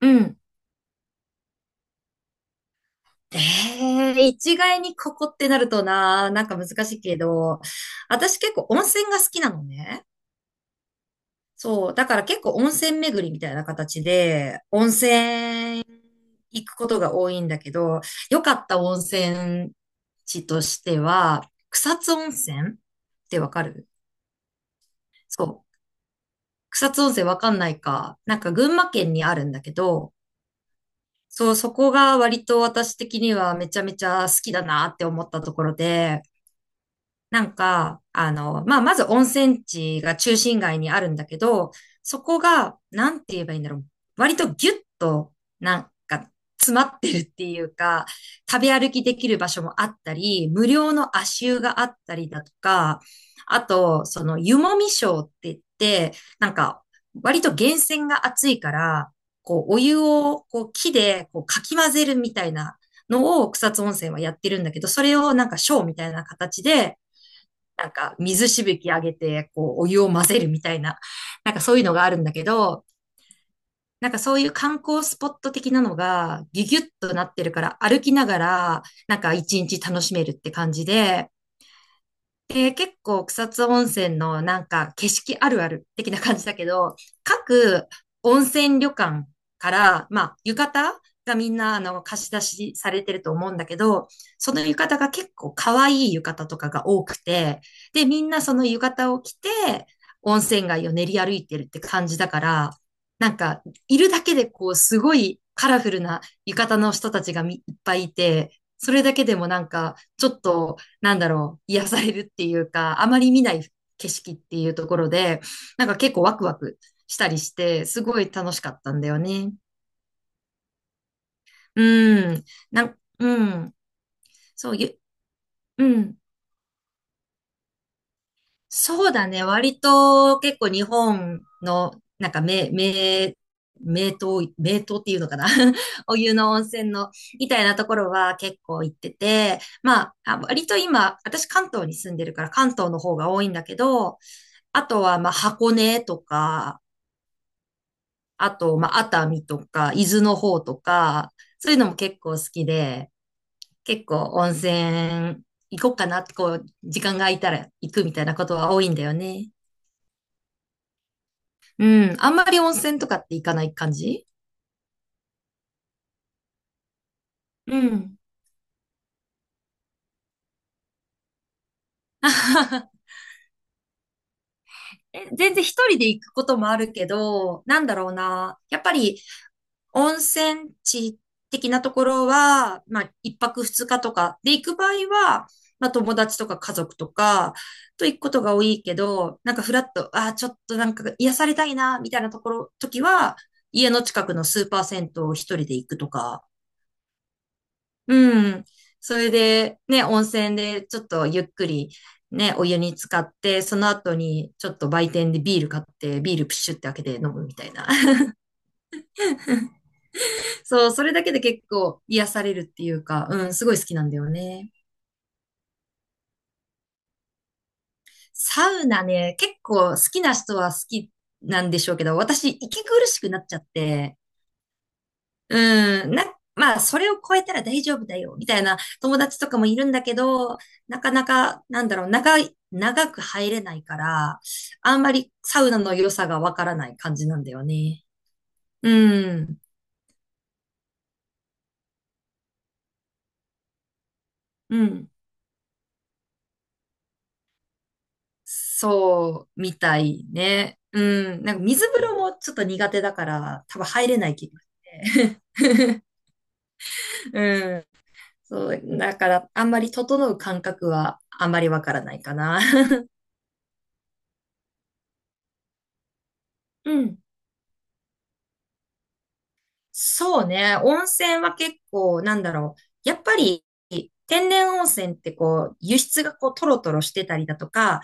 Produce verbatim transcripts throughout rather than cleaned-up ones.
うん。ええ、一概にここってなるとな、なんか難しいけど、私結構温泉が好きなのね。そう。だから結構温泉巡りみたいな形で、温泉行くことが多いんだけど、良かった温泉地としては、草津温泉ってわかる？そう。草津温泉わかんないか。なんか群馬県にあるんだけど、そう、そこが割と私的にはめちゃめちゃ好きだなって思ったところで、なんか、あの、まあ、まず温泉地が中心街にあるんだけど、そこが、なんて言えばいいんだろう。割とギュッと、なんか、詰まってるっていうか、食べ歩きできる場所もあったり、無料の足湯があったりだとか、あと、その、湯もみショーって言って、なんか、割と源泉が熱いから、こう、お湯を、こう、木で、こう、かき混ぜるみたいなのを草津温泉はやってるんだけど、それをなんかショーみたいな形で、なんか水しぶき上げて、こう、お湯を混ぜるみたいな、なんかそういうのがあるんだけど、なんかそういう観光スポット的なのがギュギュッとなってるから歩きながらなんか一日楽しめるって感じで、えー結構草津温泉のなんか景色あるある的な感じだけど、各温泉旅館から、まあ浴衣がみんなあの貸し出しされてると思うんだけど、その浴衣が結構可愛い浴衣とかが多くて、で、みんなその浴衣を着て温泉街を練り歩いてるって感じだから、なんかいるだけでこうすごいカラフルな浴衣の人たちがみいっぱいいて、それだけでもなんかちょっとなんだろう、癒されるっていうか、あまり見ない景色っていうところで、なんか結構ワクワクしたりして、すごい楽しかったんだよね。うん。なん、うん。そう、ゆ、うん。そうだね。割と結構日本の、なんか名、名、名湯、名湯っていうのかな。 お湯の温泉の、みたいなところは結構行ってて、まあ、あ割と今、私関東に住んでるから関東の方が多いんだけど、あとは、まあ、箱根とか、あと、まあ、熱海とか、伊豆の方とか、そういうのも結構好きで、結構温泉行こうかなって、こう、時間が空いたら行くみたいなことは多いんだよね。うん。あんまり温泉とかって行かない感じ？うん。え、全然一人で行くこともあるけど、なんだろうな。やっぱり温泉地的なところは、まあ一泊二日とかで行く場合は、まあ友達とか家族とかと行くことが多いけど、なんかフラッと、ああ、ちょっとなんか癒されたいな、みたいなところ、時は、家の近くのスーパー銭湯を一人で行くとか、うん。それで、ね、温泉でちょっとゆっくり、ね、お湯に浸かって、その後にちょっと売店でビール買って、ビールプシュって開けて飲むみたいな。そう、それだけで結構癒されるっていうか、うん、すごい好きなんだよね。サウナね、結構好きな人は好きなんでしょうけど、私、息苦しくなっちゃって、うん、な、まあ、それを超えたら大丈夫だよ、みたいな友達とかもいるんだけど、なかなか、なんだろう、長い、長く入れないから、あんまりサウナの良さがわからない感じなんだよね。うん、うん。そう、みたいね。うん、なんか水風呂もちょっと苦手だから、多分入れない気がして。うん、そう、だから、あんまり整う感覚はあんまりわからないかな。うん。そうね。温泉は結構、なんだろう。やっぱり、天然温泉ってこう、輸出がこう、トロトロしてたりだとか、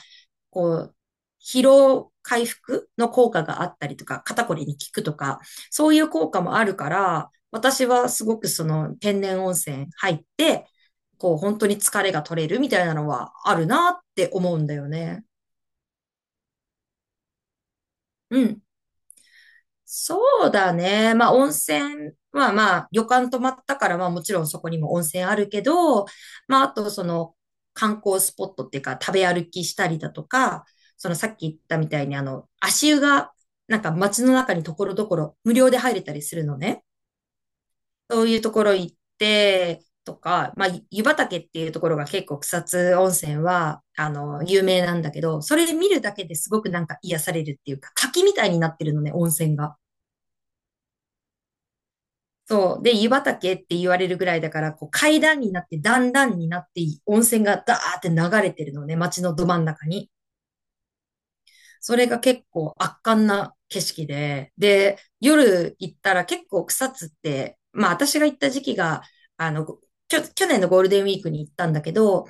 こう、疲労回復の効果があったりとか、肩こりに効くとか、そういう効果もあるから、私はすごくその天然温泉入って、こう、本当に疲れが取れるみたいなのはあるなって思うんだよね。うん。そうだね。まあ、温泉は、まあ、旅館泊まったから、まあ、もちろんそこにも温泉あるけど、まあ、あと、その、観光スポットっていうか、食べ歩きしたりだとか、その、さっき言ったみたいに、あの、足湯が、なんか、街の中にところどころ、無料で入れたりするのね。そういうところ行って、とか、まあ、湯畑っていうところが結構草津温泉は、あの、有名なんだけど、それ見るだけですごくなんか癒されるっていうか、滝みたいになってるのね、温泉が。そう。で、湯畑って言われるぐらいだから、こう階段になって、段々になって、温泉がダーって流れてるのね、街のど真ん中に。それが結構圧巻な景色で、で、夜行ったら結構草津って、まあ私が行った時期が、あの、きょ、去年のゴールデンウィークに行ったんだけど、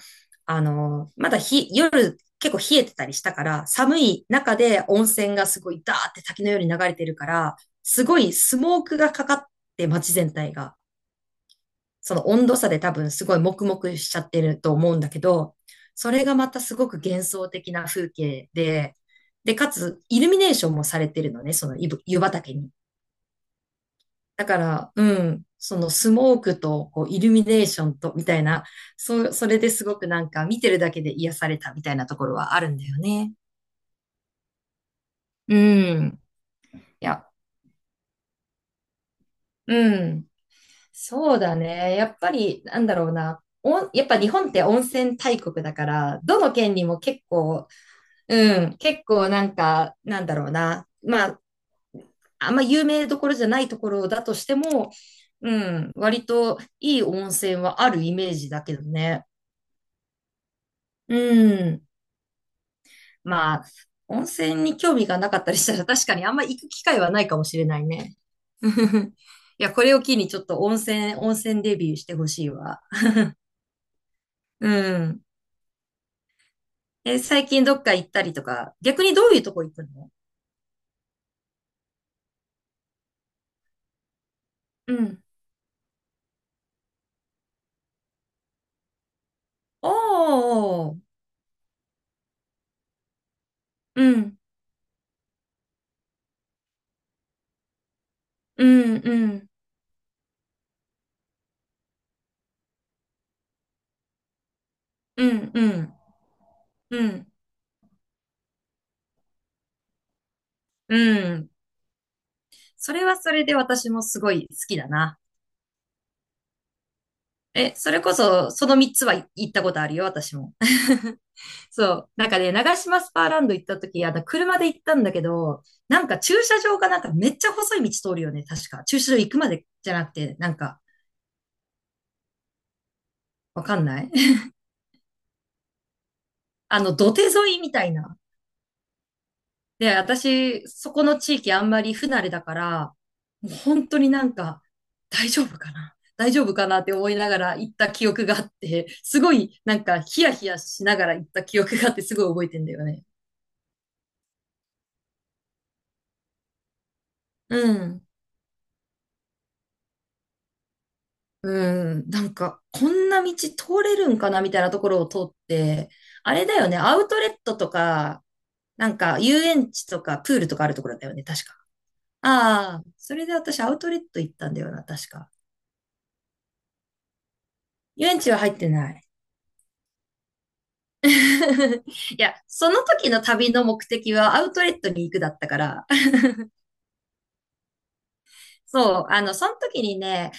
あの、まだ日、夜結構冷えてたりしたから、寒い中で温泉がすごいダーって滝のように流れてるから、すごいスモークがかかって街全体が。その温度差で多分すごい黙々しちゃってると思うんだけど、それがまたすごく幻想的な風景で、で、かつイルミネーションもされてるのね、その湯湯畑に。だから、うん、そのスモークとこうイルミネーションとみたいな、そそれですごくなんか見てるだけで癒されたみたいなところはあるんだよね。うん。いや、うん。そうだね。やっぱり、なんだろうな。おんやっぱ日本って温泉大国だから、どの県にも結構、うん、結構なんか、なんだろうな。まあ、あんま有名どころじゃないところだとしても、うん、割といい温泉はあるイメージだけどね。うん。まあ、温泉に興味がなかったりしたら確かにあんま行く機会はないかもしれないね。いや、これを機にちょっと温泉、温泉デビューしてほしいわ。うん。え、最近どっか行ったりとか、逆にどういうとこ行くの？うん。おー。うん。うん、うん。うん、うん。うん。うん。それはそれで私もすごい好きだな。え、それこそ、そのみっつは行ったことあるよ、私も。そう。なんかね、長島スパーランド行った時、あの、車で行ったんだけど、なんか駐車場がなんかめっちゃ細い道通るよね、確か。駐車場行くまでじゃなくて、なんか、わかんない？ あの、土手沿いみたいな。で、私、そこの地域あんまり不慣れだから、もう本当になんか、大丈夫かな大丈夫かなって思いながら行った記憶があって、すごいなんかヒヤヒヤしながら行った記憶があってすごい覚えてんだよね。うん。うん。なんか、こんな道通れるんかなみたいなところを通って、あれだよね、アウトレットとか、なんか遊園地とかプールとかあるところだよね、確か。ああ、それで私アウトレット行ったんだよな、確か。遊園地は入ってない。いや、その時の旅の目的はアウトレットに行くだったから。そう、あの、その時にね、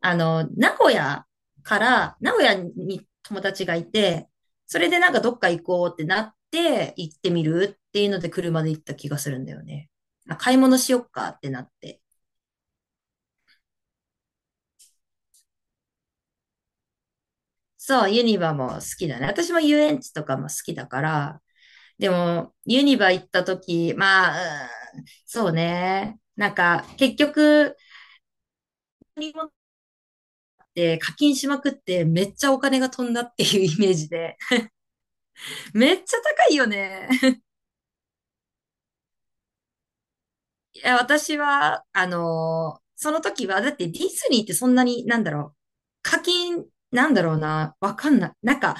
あの、名古屋から、名古屋に友達がいて、それでなんかどっか行こうってなって、行ってみるっていうので車で行った気がするんだよね。あ、買い物しよっかってなって。そう、ユニバも好きだね。私も遊園地とかも好きだから、でも、ユニバ行った時、まあ、うん。そうね。なんか、結局、り物って課金しまくってめっちゃお金が飛んだっていうイメージで、めっちゃ高いよね。いや、私は、あのーその時は、だってディズニーってそんなに、なんだろう、課金、なんだろうな、わかんない。なんか、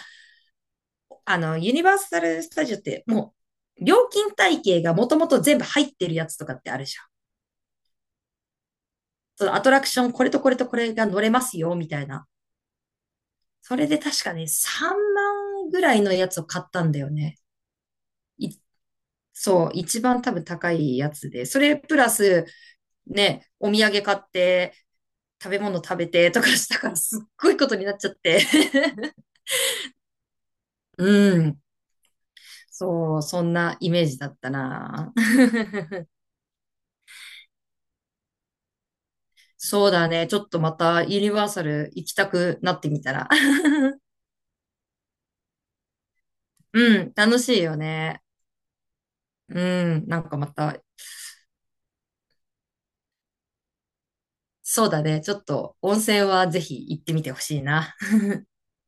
あの、ユニバーサル・スタジオってもう、料金体系がもともと全部入ってるやつとかってあるじゃん。そのアトラクション、これとこれとこれが乗れますよ、みたいな。それで確かね、さんまんぐらいのやつを買ったんだよね。1そう、一番多分高いやつで、それプラス、ね、お土産買って、食べ物食べてとかしたからすっごいことになっちゃって。うん。そう、そんなイメージだったな。そうだね。ちょっとまたユニバーサル行きたくなってみたら。うん、楽しいよね。うん、なんかまた、そうだね。ちょっと温泉はぜひ行ってみてほしいな。